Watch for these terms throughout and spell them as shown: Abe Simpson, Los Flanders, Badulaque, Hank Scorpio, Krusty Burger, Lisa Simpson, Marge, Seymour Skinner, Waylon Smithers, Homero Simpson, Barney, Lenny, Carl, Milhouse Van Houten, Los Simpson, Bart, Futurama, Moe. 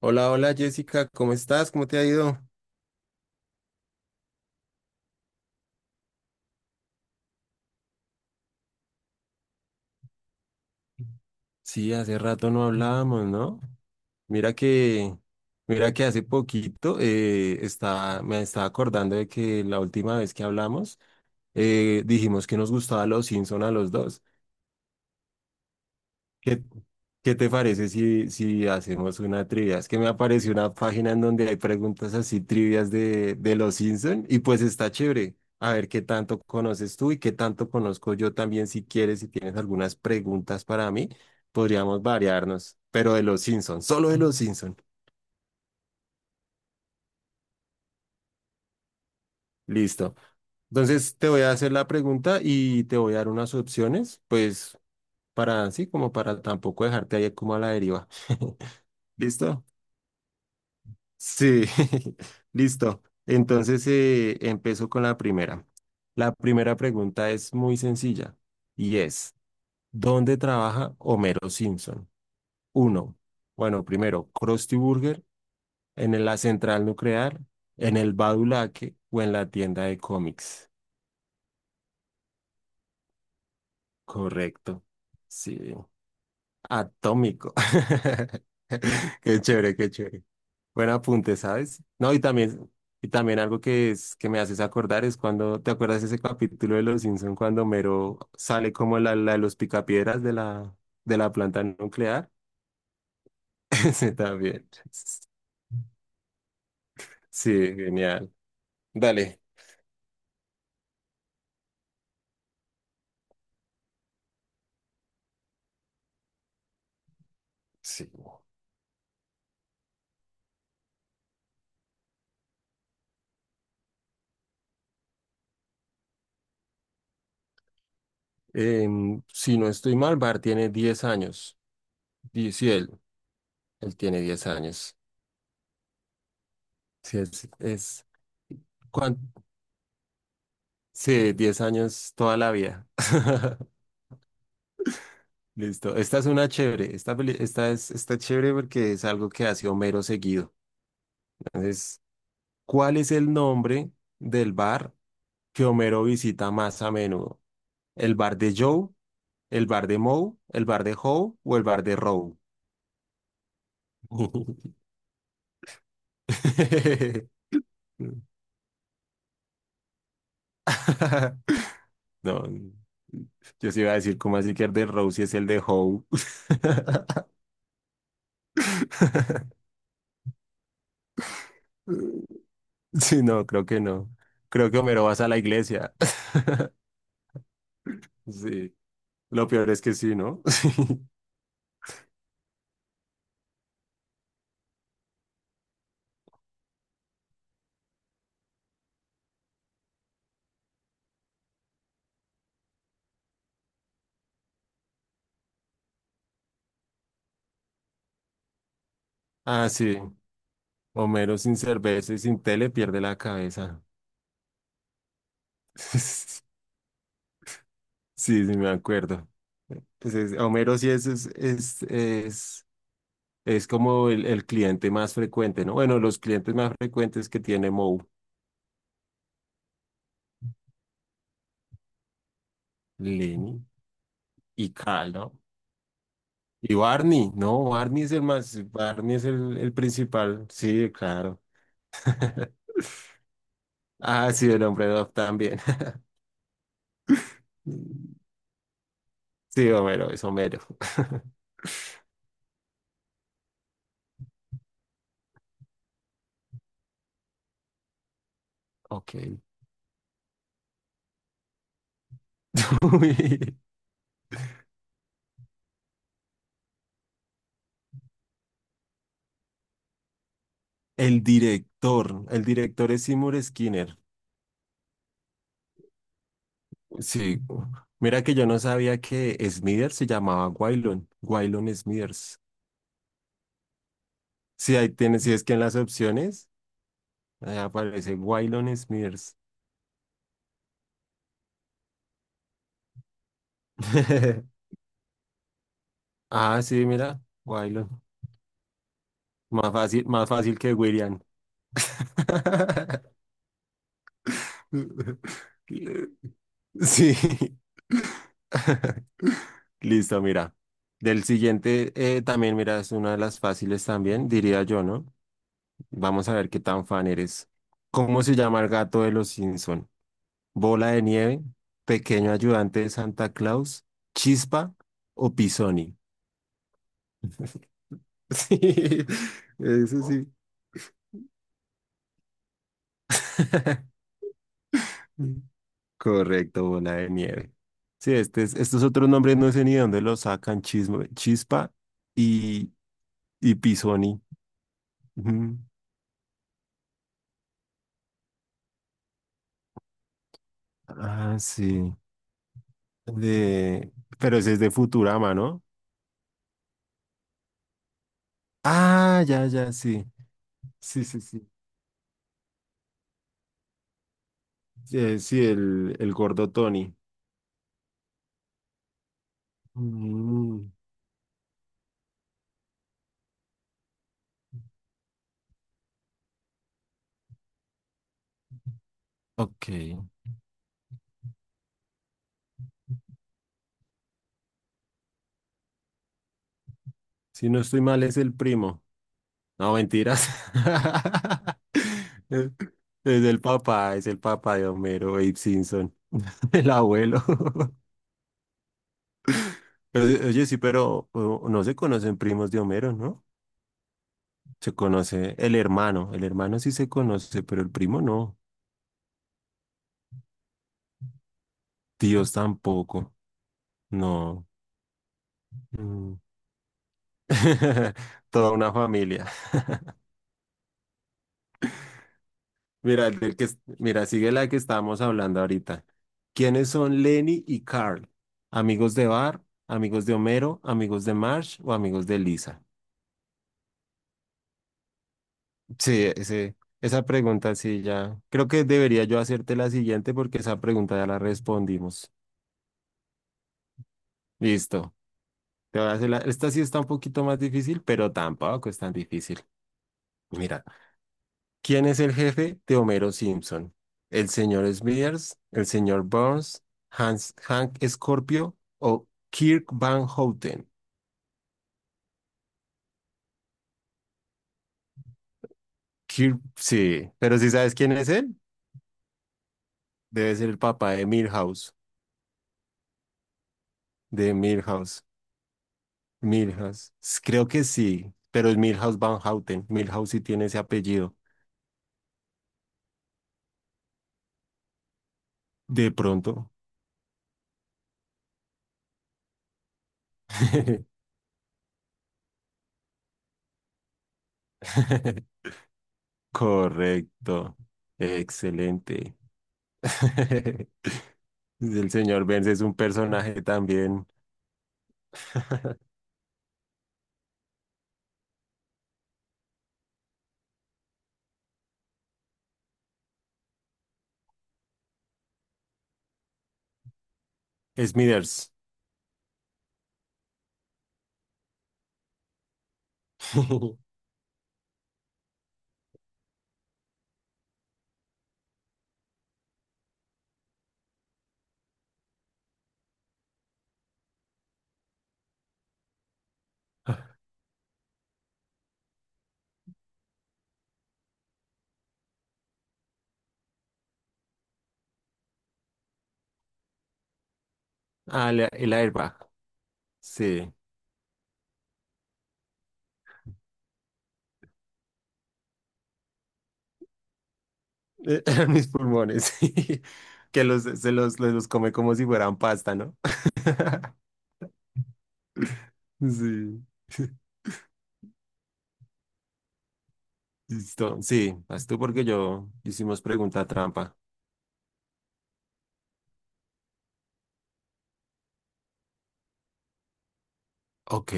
Hola, hola Jessica, ¿cómo estás? ¿Cómo te ha ido? Sí, hace rato no hablábamos, ¿no? Mira que, mira que hace poquito me estaba acordando de que la última vez que hablamos dijimos que nos gustaba Los Simpson a los dos. ¿Qué, ¿qué te parece si hacemos una trivia? Es que me apareció una página en donde hay preguntas así trivias de los Simpson y pues está chévere. A ver qué tanto conoces tú y qué tanto conozco yo también. Si quieres, si tienes algunas preguntas para mí, podríamos variarnos, pero de los Simpson, solo de los Simpson. Listo. Entonces te voy a hacer la pregunta y te voy a dar unas opciones, pues para así como para tampoco dejarte ahí como a la deriva. ¿Listo? Sí, listo. Entonces empiezo con la primera. La primera pregunta es muy sencilla y es, ¿dónde trabaja Homero Simpson? Uno, bueno, primero, ¿Krusty Burger, en la central nuclear, en el Badulaque o en la tienda de cómics? Correcto. Sí, atómico. Qué chévere, qué chévere. Buen apunte, ¿sabes? No, y también algo que es que me haces acordar es cuando, ¿te acuerdas ese capítulo de Los Simpson cuando Mero sale como la de los picapiedras de la planta nuclear? Ese también. Sí, genial. Dale. Sí. Si no estoy mal, Bart tiene 10 años. Sí, él tiene 10 años. Sí, ¿cuán- sí, 10 años toda la vida. Listo. Esta es una chévere. Esta está chévere porque es algo que hace Homero seguido. Entonces, ¿cuál es el nombre del bar que Homero visita más a menudo? ¿El bar de Joe? ¿El bar de Moe? ¿El bar de Howe? ¿O el bar de Row? No, yo sí iba a decir, ¿cómo así que el de Row si es el de Howe? Sí, no, creo que no. Creo que Homero vas a la iglesia. Sí. Lo peor es que sí, ¿no? Ah, sí. Homero sin cerveza y sin tele pierde la cabeza. Sí, sí, me acuerdo. Pues Homero sí es es como el cliente más frecuente, ¿no? Bueno, los clientes más frecuentes que tiene Moe, Lenny y Carl, ¿no? Y Barney, ¿no? Barney es el más, Barney es el principal. Sí, claro. Ah, sí, el hombre Dog también. Sí, Homero, es Homero. Ok. Uy. El director es Seymour Skinner. Sí, mira que yo no sabía que Smithers se llamaba Waylon, Waylon Smithers. Sí, ahí tienes, si es que en las opciones ahí aparece Waylon Smithers. Ah, sí, mira, Waylon. Más fácil que William. Sí. Listo, mira. Del siguiente, también, mira, es una de las fáciles también, diría yo, ¿no? Vamos a ver qué tan fan eres. ¿Cómo se llama el gato de los Simpson? ¿Bola de nieve? ¿Pequeño ayudante de Santa Claus? ¿Chispa o Pisoni? Sí, eso ¿no? Sí. Correcto, bola de nieve. Sí, estos otros nombres no sé ni de dónde los sacan, Chispa y, y Pisoni. Ujú. Ah, sí. De... Pero ese es de Futurama, ¿no? Ah, ya, ya, sí. Sí, sí, sí. Sí, el gordo Tony. Mm, ok. Si no estoy mal, es el primo. No, mentiras. Es es el papá, es el papá de Homero, Abe Simpson, el abuelo. Oye, oye, sí, pero no se conocen primos de Homero, ¿no? Se conoce el hermano sí se conoce, pero el primo no. Tíos tampoco, no. Mm. Toda una familia. Mira, mira, sigue la que estábamos hablando ahorita. ¿Quiénes son Lenny y Carl? ¿Amigos de Bar, amigos de Homero, amigos de Marge o amigos de Lisa? Sí, ese, esa pregunta sí ya. Creo que debería yo hacerte la siguiente porque esa pregunta ya la respondimos. Listo. Te voy a hacer la- Esta sí está un poquito más difícil, pero tampoco es tan difícil. Mira. ¿Quién es el jefe de Homero Simpson? ¿El señor Smithers, el señor Burns, Hans, Hank Scorpio o Kirk Van Houten? Kirk, sí, pero si sabes quién es él, debe ser el papá de Milhouse, de Milhouse, Milhouse. Creo que sí, pero es Milhouse Van Houten. Milhouse sí tiene ese apellido. De pronto. Correcto. Excelente. El señor Burns es un personaje también. Smithers. Ah, el airbag. Sí. Eh, Mis pulmones. Sí. Que los, se los come como si fueran pasta, ¿no? Sí. Listo. Sí, vas tú porque yo hicimos pregunta trampa. Ok.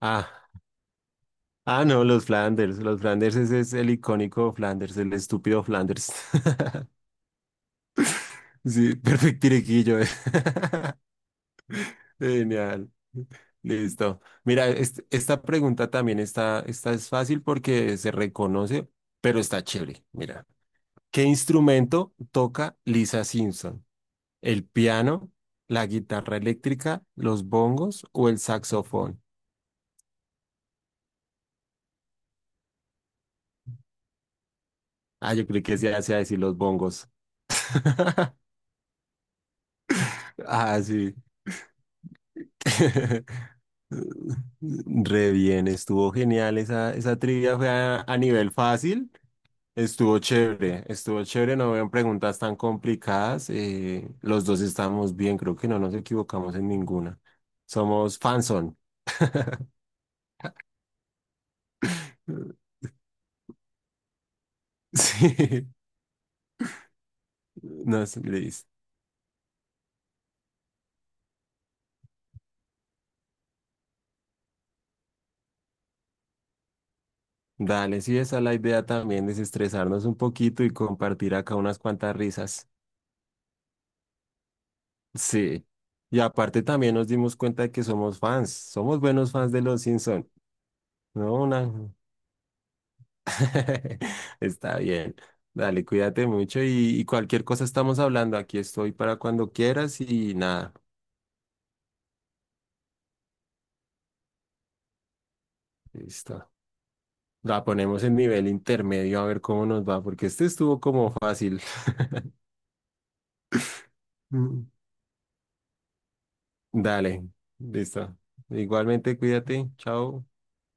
Ah. Ah, no, los Flanders. Los Flanders, ese es el icónico Flanders, el estúpido Flanders. Sí, perfectirequillo. Genial. Listo. Mira, esta pregunta también está, esta es fácil porque se reconoce, pero está chévere. Mira, ¿qué instrumento toca Lisa Simpson? ¿El piano, la guitarra eléctrica, los bongos o el saxofón? Ah, yo creo que se hace a decir los bongos. Ah, sí. Re bien, estuvo genial. Esa trivia fue a nivel fácil. Estuvo chévere, no habían preguntas tan complicadas. Los dos estamos bien, creo que no nos equivocamos en ninguna. Somos fanson. Sí, no sé, Liz. Dale, sí, esa es la idea también, desestresarnos un poquito y compartir acá unas cuantas risas. Sí. Y aparte también nos dimos cuenta de que somos fans, somos buenos fans de los Simpson, ¿no? Una, está bien. Dale, cuídate mucho y cualquier cosa estamos hablando. Aquí estoy para cuando quieras y nada, listo. La ponemos en nivel intermedio a ver cómo nos va, porque este estuvo como fácil. Mm. Dale, listo. Igualmente, cuídate. Chao.